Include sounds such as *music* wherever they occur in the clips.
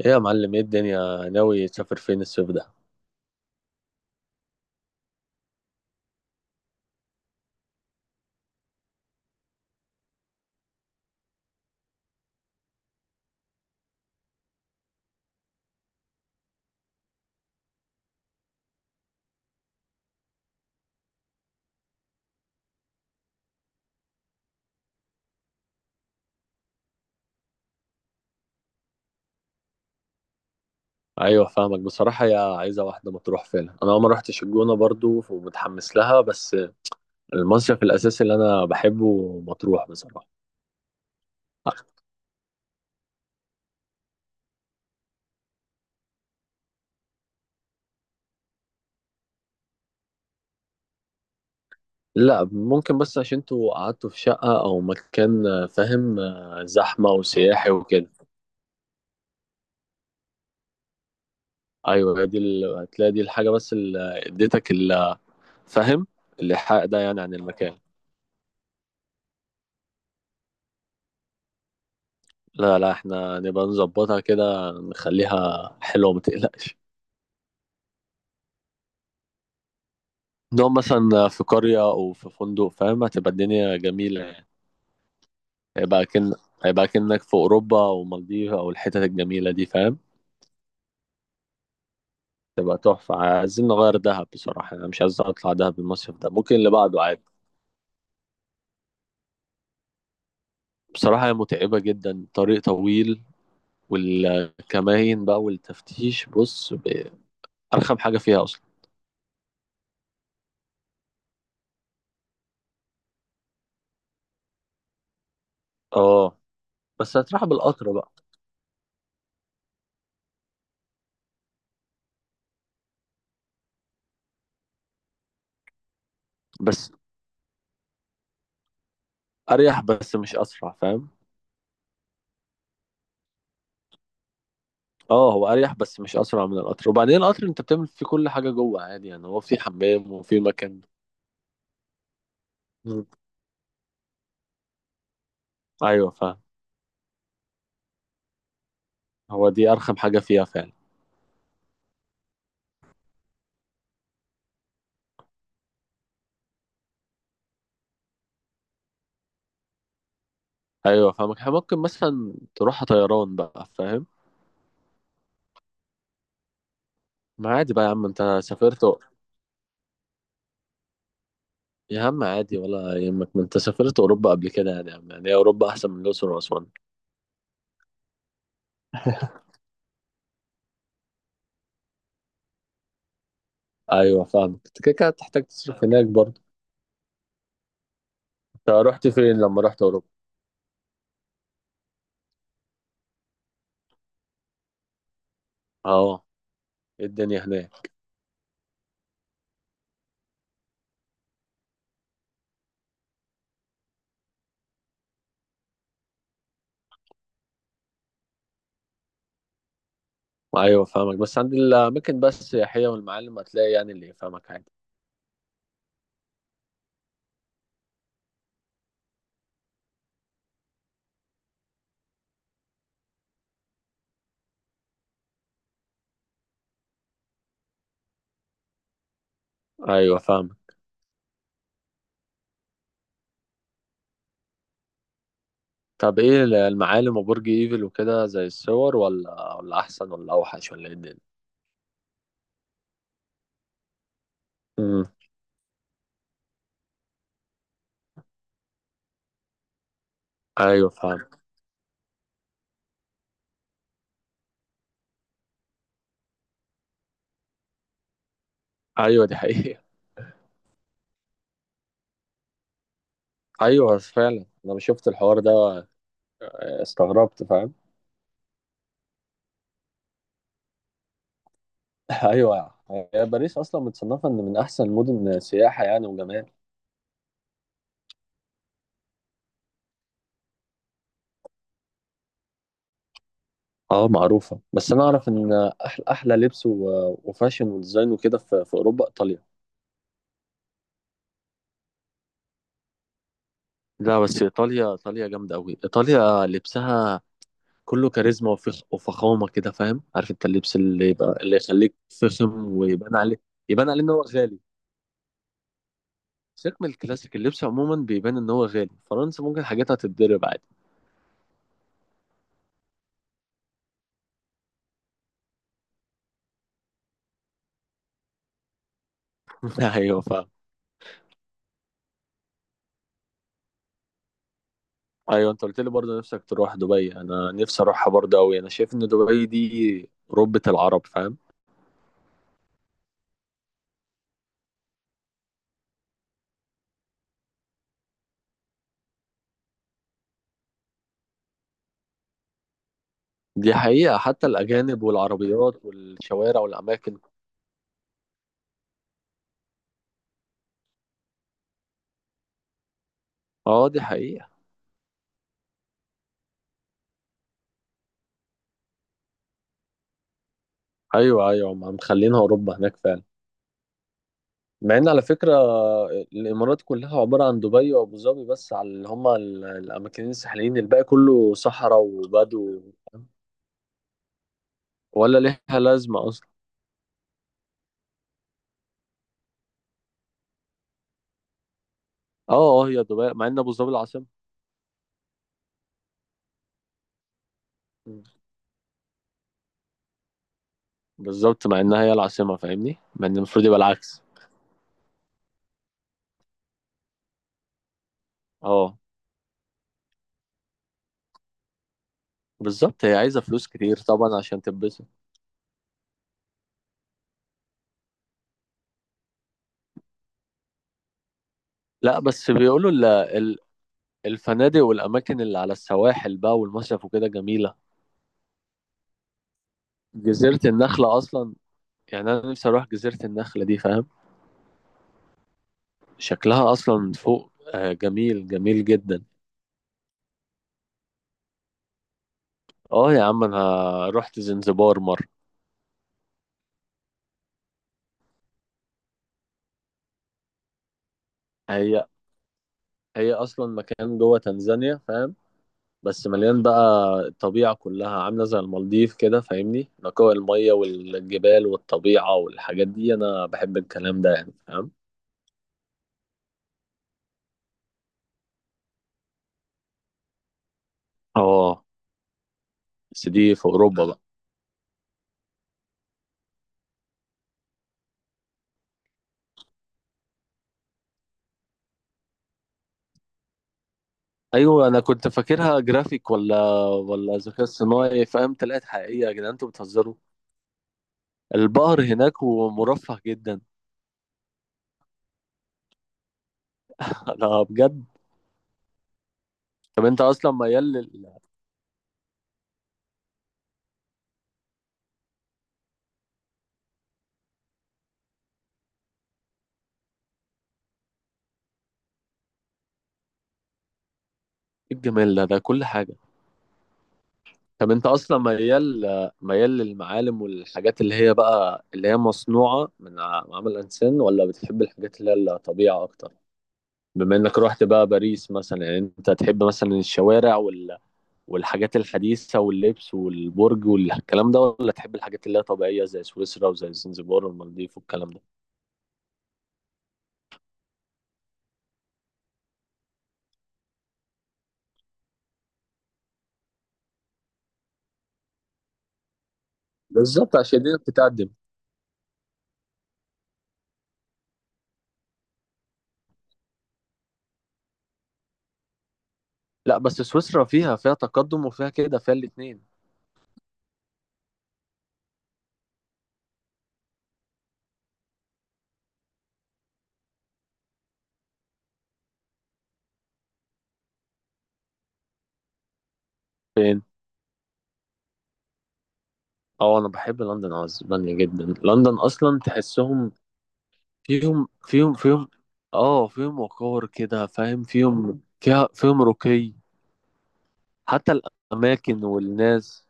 ايه يا معلم، ايه الدنيا، ناوي تسافر فين الصيف ده؟ ايوه فاهمك بصراحه، يا عايزه واحده مطروح فعلا. انا ما رحتش الجونه برضو ومتحمس لها، بس المصيف الاساسي اللي انا بحبه مطروح بصراحه. لا ممكن، بس عشان انتوا قعدتوا في شقه او مكان فاهم، زحمه وسياحي وكده. ايوه، هي دي هتلاقي دي الحاجه بس اللي اديتك فاهم، الايحاء ده يعني عن المكان. لا لا، احنا نبقى نظبطها كده، نخليها حلوه، ما تقلقش. نقعد مثلا في قرية أو في فندق، فاهم؟ هتبقى الدنيا جميلة. هيبقى كن هيبقى كأنك في أوروبا أو مالديف أو الحتت الجميلة دي، فاهم؟ تبقى تحفة. عايزين نغير دهب، بصراحة أنا مش عايز أطلع دهب المصيف ده، ممكن اللي بعده عادي. بصراحة هي متعبة جدا، طريق طويل. والكماين بقى والتفتيش، بص أرخم حاجة فيها أصلا. اه، بس هتروح بالقطر بقى. بس أريح، بس مش أسرع، فاهم؟ اه، هو اريح بس مش اسرع من القطر، وبعدين القطر انت بتعمل فيه كل حاجه جوه عادي، يعني هو في حمام وفي مكان. مم. ايوه فاهم. هو دي ارخم حاجه فيها فعلا. ايوه فاهمك، إحنا ممكن مثلا تروح طيران بقى فاهم. ما عادي بقى يا عم، انت سافرت. يا عم عادي ولا يهمك، ما انت سافرت اوروبا قبل كده يعني، يا عم يعني هي اوروبا احسن من الاقصر واسوان. *laughs* ايوه فاهمك، انت كده كده هتحتاج تصرف هناك برضه. انت رحت فين لما رحت اوروبا؟ اه. إيه الدنيا هناك؟ ايوه فاهمك، بس عند الاماكن بس السياحيه والمعالم هتلاقي يعني اللي يفهمك عادي. ايوه فاهمك. طب ايه المعالم وبرج ايفل وكده، زي الصور ولا احسن ولا اوحش ولا ايه الدنيا؟ امم. ايوه فاهم. ايوه دي حقيقه. *laughs* ايوه فعلا، انا شفت الحوار ده، استغربت، فاهم. *laughs* ايوه، هي باريس اصلا متصنفه ان من احسن المدن سياحه يعني وجمال. اه معروفه، بس انا اعرف ان احلى احلى لبس وفاشن وديزاين وكده في اوروبا، ايطاليا. لا، بس ايطاليا ايطاليا جامده قوي، ايطاليا لبسها كله كاريزما وفخ وفخامه كده، فاهم؟ عارف انت اللبس اللي يبقى اللي يخليك فخم ويبان عليه. يبان عليه ان هو غالي. سيبك من الكلاسيك، اللبس عموما بيبان ان هو غالي. فرنسا ممكن حاجاتها تتضرب عادي. *laughs* ايوه فاهم. ايوه، انت قلت لي برضه نفسك تروح دبي، انا نفسي اروحها برضه قوي. انا شايف ان دبي دي ربة العرب، فاهم. دي حقيقه، حتى الاجانب والعربيات والشوارع والاماكن. اه دي حقيقه. ايوه ايوه، هم مخلينها اوروبا هناك فعلا. مع ان على فكره، الامارات كلها عباره عن دبي وابو ظبي بس، على اللي هما الاماكنين الساحليين، الباقي كله صحراء وبدو. ولا ليها لازمه اصلا. اه اه، هي دبي مع ان ابو ظبي العاصمه. مم. بالظبط، مع انها هي العاصمه فاهمني، مع ان المفروض يبقى العكس. اه بالظبط، هي عايزه فلوس كتير طبعا عشان تتبسط. لا، بس بيقولوا الفنادق والاماكن اللي على السواحل بقى والمصيف وكده جميله. جزيره النخله اصلا، يعني انا نفسي اروح جزيره النخله دي، فاهم. شكلها اصلا فوق جميل جميل جدا. اه يا عم، انا رحت زنزبار مره. هي هي اصلا مكان جوه تنزانيا، فاهم. بس مليان بقى، الطبيعه كلها عامله زي المالديف كده، فاهمني نقاء الميه والجبال والطبيعه والحاجات دي، انا بحب الكلام ده يعني، فاهم. اه، بس دي في اوروبا بقى. ايوه، انا كنت فاكرها جرافيك ولا ذكاء صناعي، فاهم، طلعت حقيقيه، يا جدعان انتوا بتهزروا، البقر هناك ومرفه جدا. *laughs* انا بجد. طب انت اصلا ميال لل إيه الجمال ده كل حاجه. طب انت اصلا ميال للمعالم والحاجات اللي هي بقى اللي هي مصنوعه من عمل الانسان، ولا بتحب الحاجات اللي هي الطبيعه اكتر؟ بما انك رحت بقى باريس مثلا، يعني انت تحب مثلا الشوارع والحاجات الحديثه واللبس والبرج والكلام ده، ولا تحب الحاجات اللي هي طبيعيه زي سويسرا وزي زنزبار والمالديف والكلام ده؟ بالظبط، عشان دي بتتقدم. لا، بس سويسرا فيها تقدم، وفيها كده فيها الاتنين يعني. اه انا بحب لندن، اسبانيا جدا، لندن اصلا تحسهم فيهم. اه فيهم وقار كده، فاهم، فيهم رقي. حتى الاماكن والناس.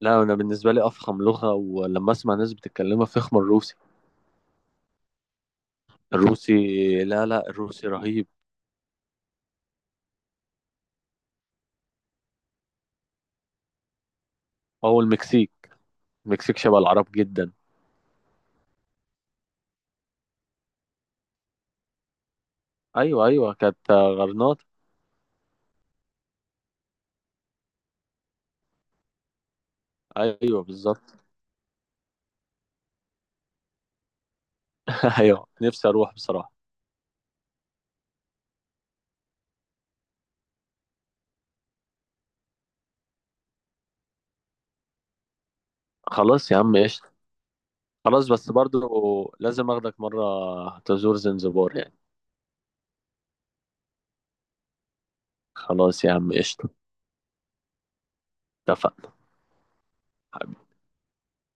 لا، انا بالنسبه لي افخم لغه ولما اسمع ناس بتتكلمها فخم، الروسي. الروسي. لا لا، الروسي رهيب. او المكسيك. المكسيك شبه العرب جدا. ايوه ايوه، كانت غرناطه. ايوه بالظبط. *laughs* ايوه نفسي اروح بصراحه. خلاص يا عم ايش. خلاص بس برضو، لازم اخدك مرة تزور زنزبار يعني. خلاص يا عم قشطة. اتفقنا.